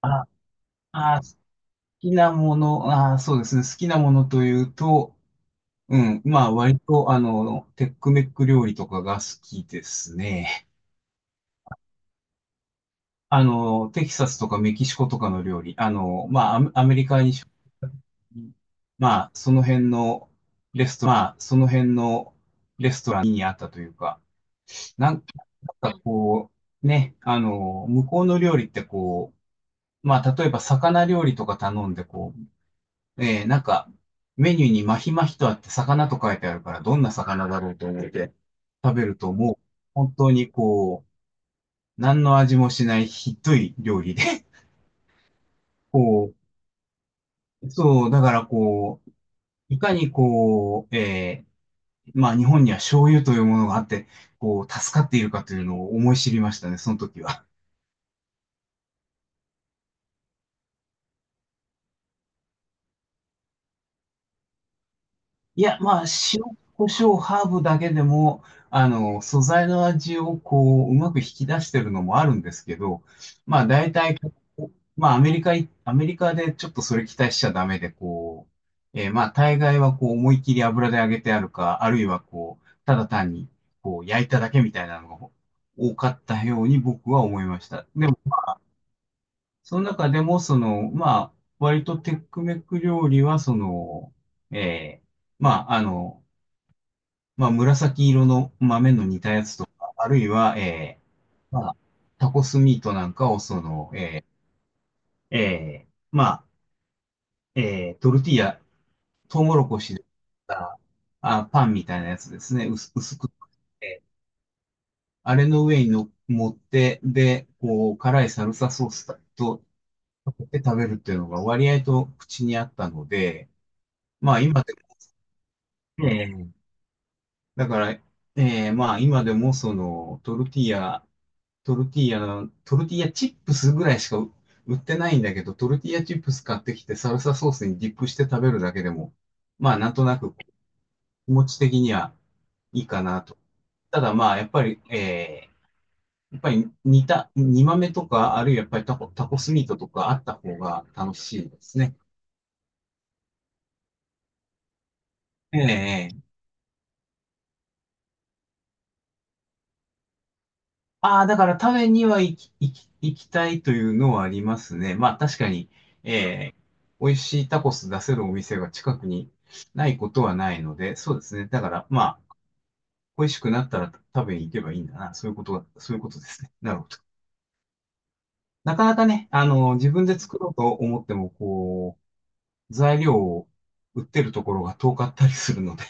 あ、あ、好きなもの、そうですね。好きなものというと、うん、まあ、割と、テックメック料理とかが好きですね。テキサスとかメキシコとかの料理、まあ、アメリカに出張した時に、まあ、その辺のレストラン、まあ、その辺のレストランにあったというか、なんなんかこう、ね、向こうの料理ってこう、まあ、例えば魚料理とか頼んで、こう、なんか、メニューにマヒマヒとあって魚と書いてあるから、どんな魚だろうと思って食べると、もう、本当にこう、何の味もしないひどい料理で、こう、そう、だからこう、いかにこう、まあ日本には醤油というものがあって、こう、助かっているかというのを思い知りましたね、その時は。いや、まあ、塩、胡椒、ハーブだけでも、素材の味をこう、うまく引き出してるのもあるんですけど、まあ、大体、まあ、アメリカでちょっとそれ期待しちゃダメで、こう、まあ、大概はこう、思いっきり油で揚げてあるか、あるいはこう、ただ単に、こう、焼いただけみたいなのが多かったように僕は思いました。でも、その中でも、その、まあ、割とテックメック料理は、その、えーまあ、まあ、紫色の豆の煮たやつとか、あるいは、まあ、タコスミートなんかを、その、まあ、トルティーヤ、トウモロコシでパンみたいなやつですね、薄くえーあれの上にの持って、で、こう、辛いサルサソースと、かけて食べるっていうのが割合と口にあったので、まあ今でも、だから、まあ今でもそのトルティーヤのトルティーヤチップスぐらいしか売ってないんだけど、トルティーヤチップス買ってきてサルサソースにディップして食べるだけでも、まあなんとなく気持ち的にはいいかなと。ただまあやっぱり煮豆とか、あるいはやっぱりタコスミートとかあった方が楽しいですね。ええ、ああ、だから食べには行きたいというのはありますね。まあ確かに、え美味しいタコス出せるお店が近くにないことはないので、そうですね。だからまあ、恋しくなったら食べに行けばいいんだな。そういうことが、そういうことですね。なるほど。なかなかね、自分で作ろうと思っても、こう、材料を売ってるところが遠かったりするので、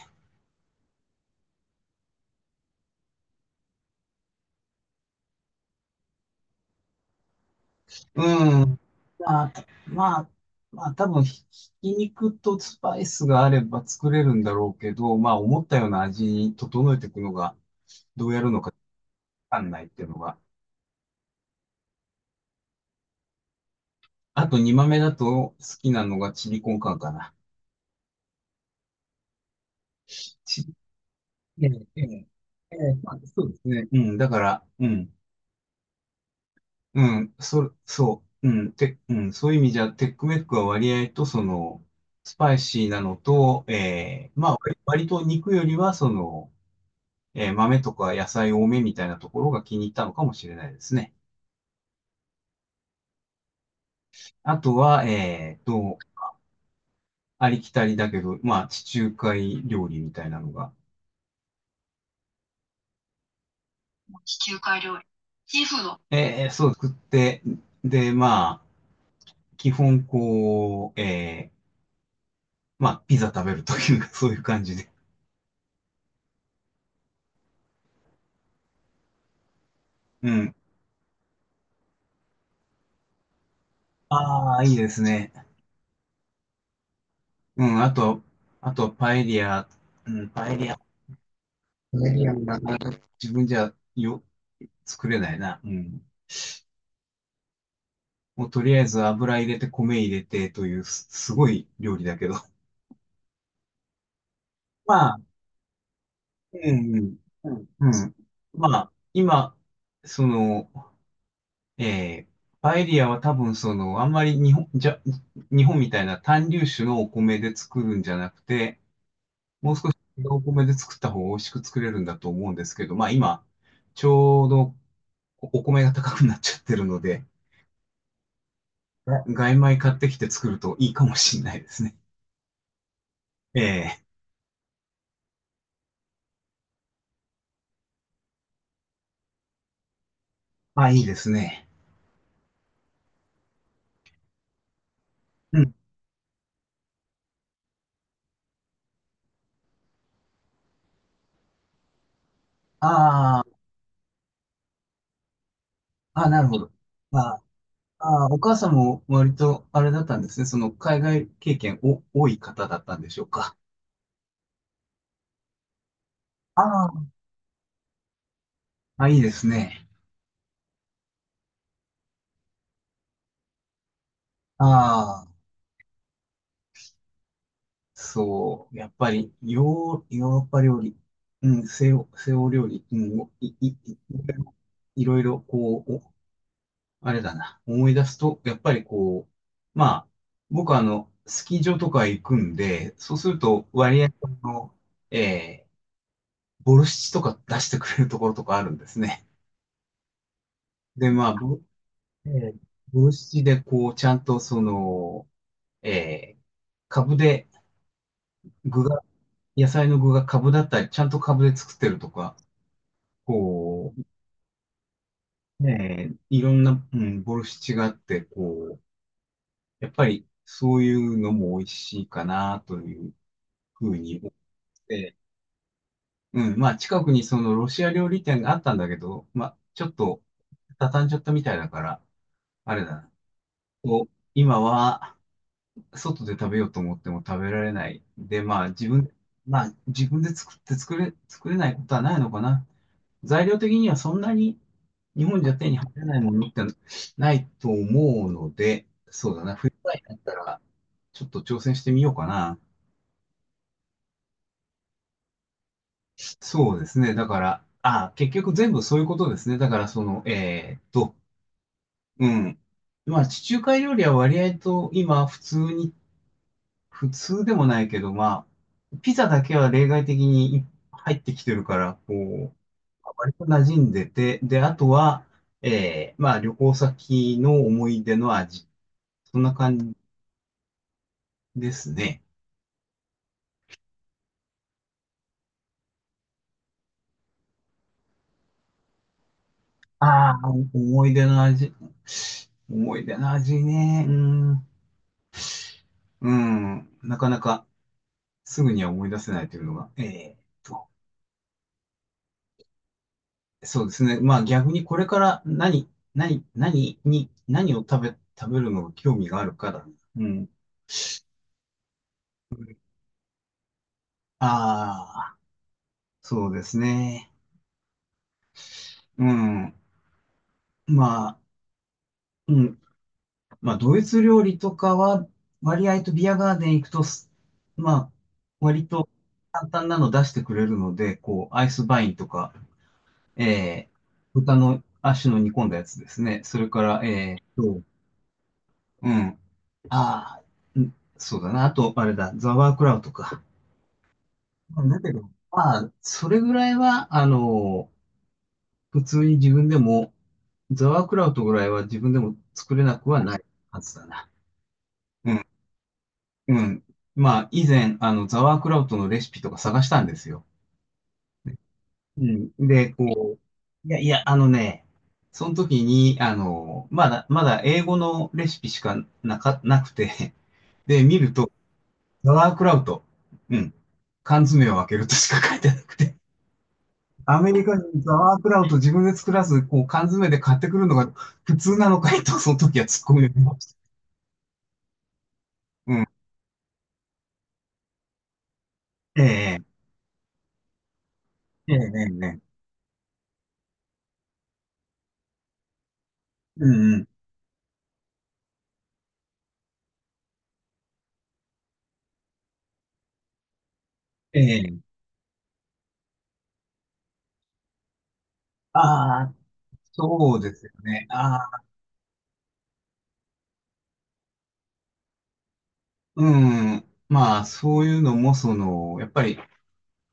うん。まあ、まあ、まあ、多分ひき肉とスパイスがあれば作れるんだろうけど、まあ、思ったような味に整えていくのが、どうやるのかわかんないっていうのが。あと、煮豆だと好きなのがチリコンカンかな。チリ、ええ、ええ、ええ、まあ、そうですね。うん、だから、うん、うん、そう、うん、うん、そういう意味じゃ、テックメックは割合と、その、スパイシーなのと、ええ、まあ、割と肉よりは、その、豆とか野菜多めみたいなところが気に入ったのかもしれないですね。あとは、ありきたりだけど、まあ、地中海料理みたいなのが、地中海料理。シーフード。そう作って、で、まあ、基本こう、まあ、ピザ食べるというか、そういう感じで。うん。ああ、いいですね。うん、あと、パエリア、うん、パエリア、自分じゃよ、作れないな。うん。もうとりあえず油入れて米入れてというすごい料理だけど。まあ、うん、うん、うん。まあ、今、その、えーパエリアは多分その、あんまり日本みたいな単粒種のお米で作るんじゃなくて、もう少し違うお米で作った方が美味しく作れるんだと思うんですけど、まあ今、ちょうどお米が高くなっちゃってるので、が外米買ってきて作るといいかもしれないですね。ええ、あ、いいですね。うん、ああ、あ、なるほど。まあ、お母さんも割とあれだったんですね。その海外経験お多い方だったんでしょうか。ああ、あ、いいですね。ああ、そう。やっぱりヨーロッパ料理、うん、西欧料理、うん、いろいろこう、あれだな。思い出すと、やっぱりこう、まあ、僕はスキー場とか行くんで、そうすると割合の、ええ、ボルシチとか出してくれるところとかあるんですね。で、まあ、ボ、えーボルシチでこう、ちゃんとその、えー、株で具が、野菜の具が株だったり、ちゃんと株で作ってるとか、こう、いろんな、うん、ボルシチがあって、こう、やっぱりそういうのも美味しいかなというふうに思って、うん、まあ近くにそのロシア料理店があったんだけど、まあちょっと畳んじゃったみたいだから、あれだな。こう今は外で食べようと思っても食べられない。で、まあ自分で作って作れないことはないのかな。材料的にはそんなに日本じゃ手に入らないものってないと思うので、そうだな、冬場になったらちょっと挑戦してみようかな。そうですね。だから、あ、結局全部そういうことですね。だからその、うん。まあ地中海料理は割合と今普通でもないけど、まあ、ピザだけは例外的に入ってきてるから、こう、割と馴染んでて、で、あとは、まあ、旅行先の思い出の味。そんな感じですね。ああ、思い出の味。思い出の味ね。うん。うん。なかなかすぐには思い出せないというのが。と。そうですね。まあ逆にこれから何を食べるのが興味があるから。うん。ああ、そうですね。うん。まあ、うん。まあドイツ料理とかは、割合とビアガーデン行くとまあ、割と簡単なの出してくれるので、こう、アイスバインとか、えー、豚の足の煮込んだやつですね。それから、うん。ああ、うんそうだな。あと、あれだ、ザワークラウトか。だけど、まあ、それぐらいは、普通に自分でも、ザワークラウトぐらいは自分でも作れなくはないはずだな。うん。うん。まあ、以前、ザワークラウトのレシピとか探したんですよ。うん。で、こう、いやいや、あのね、その時に、まだ英語のレシピしかなくて、で、見ると、ザワークラウト、うん。缶詰を開けるとしか書いてなくてアメリカ人ザワークラウト自分で作らず、こう缶詰で買ってくるのが普通なのかいと、その時は突っ込みました。うん。ええ、ええ、ええ、ええ、うんうん。ええ。ああ、そうですよね。ああ、うん。まあ、そういうのも、その、や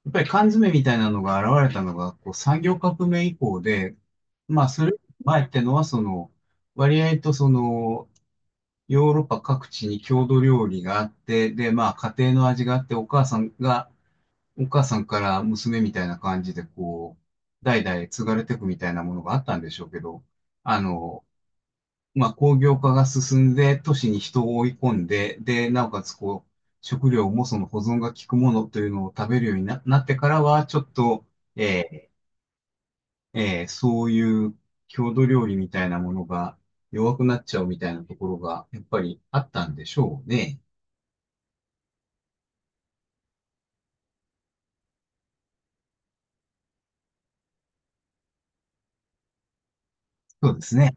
っぱり缶詰みたいなのが現れたのが、こう、産業革命以降で、まあ、それ前ってのは、その、割合とその、ヨーロッパ各地に郷土料理があって、で、まあ、家庭の味があって、お母さんから娘みたいな感じで、こう、代々継がれていくみたいなものがあったんでしょうけど、あの、まあ、工業化が進んで、都市に人を追い込んで、で、なおかつ、こう、食料もその保存が効くものというのを食べるようになってからは、ちょっと、えそういう郷土料理みたいなものが弱くなっちゃうみたいなところが、やっぱりあったんでしょうね。そうですね。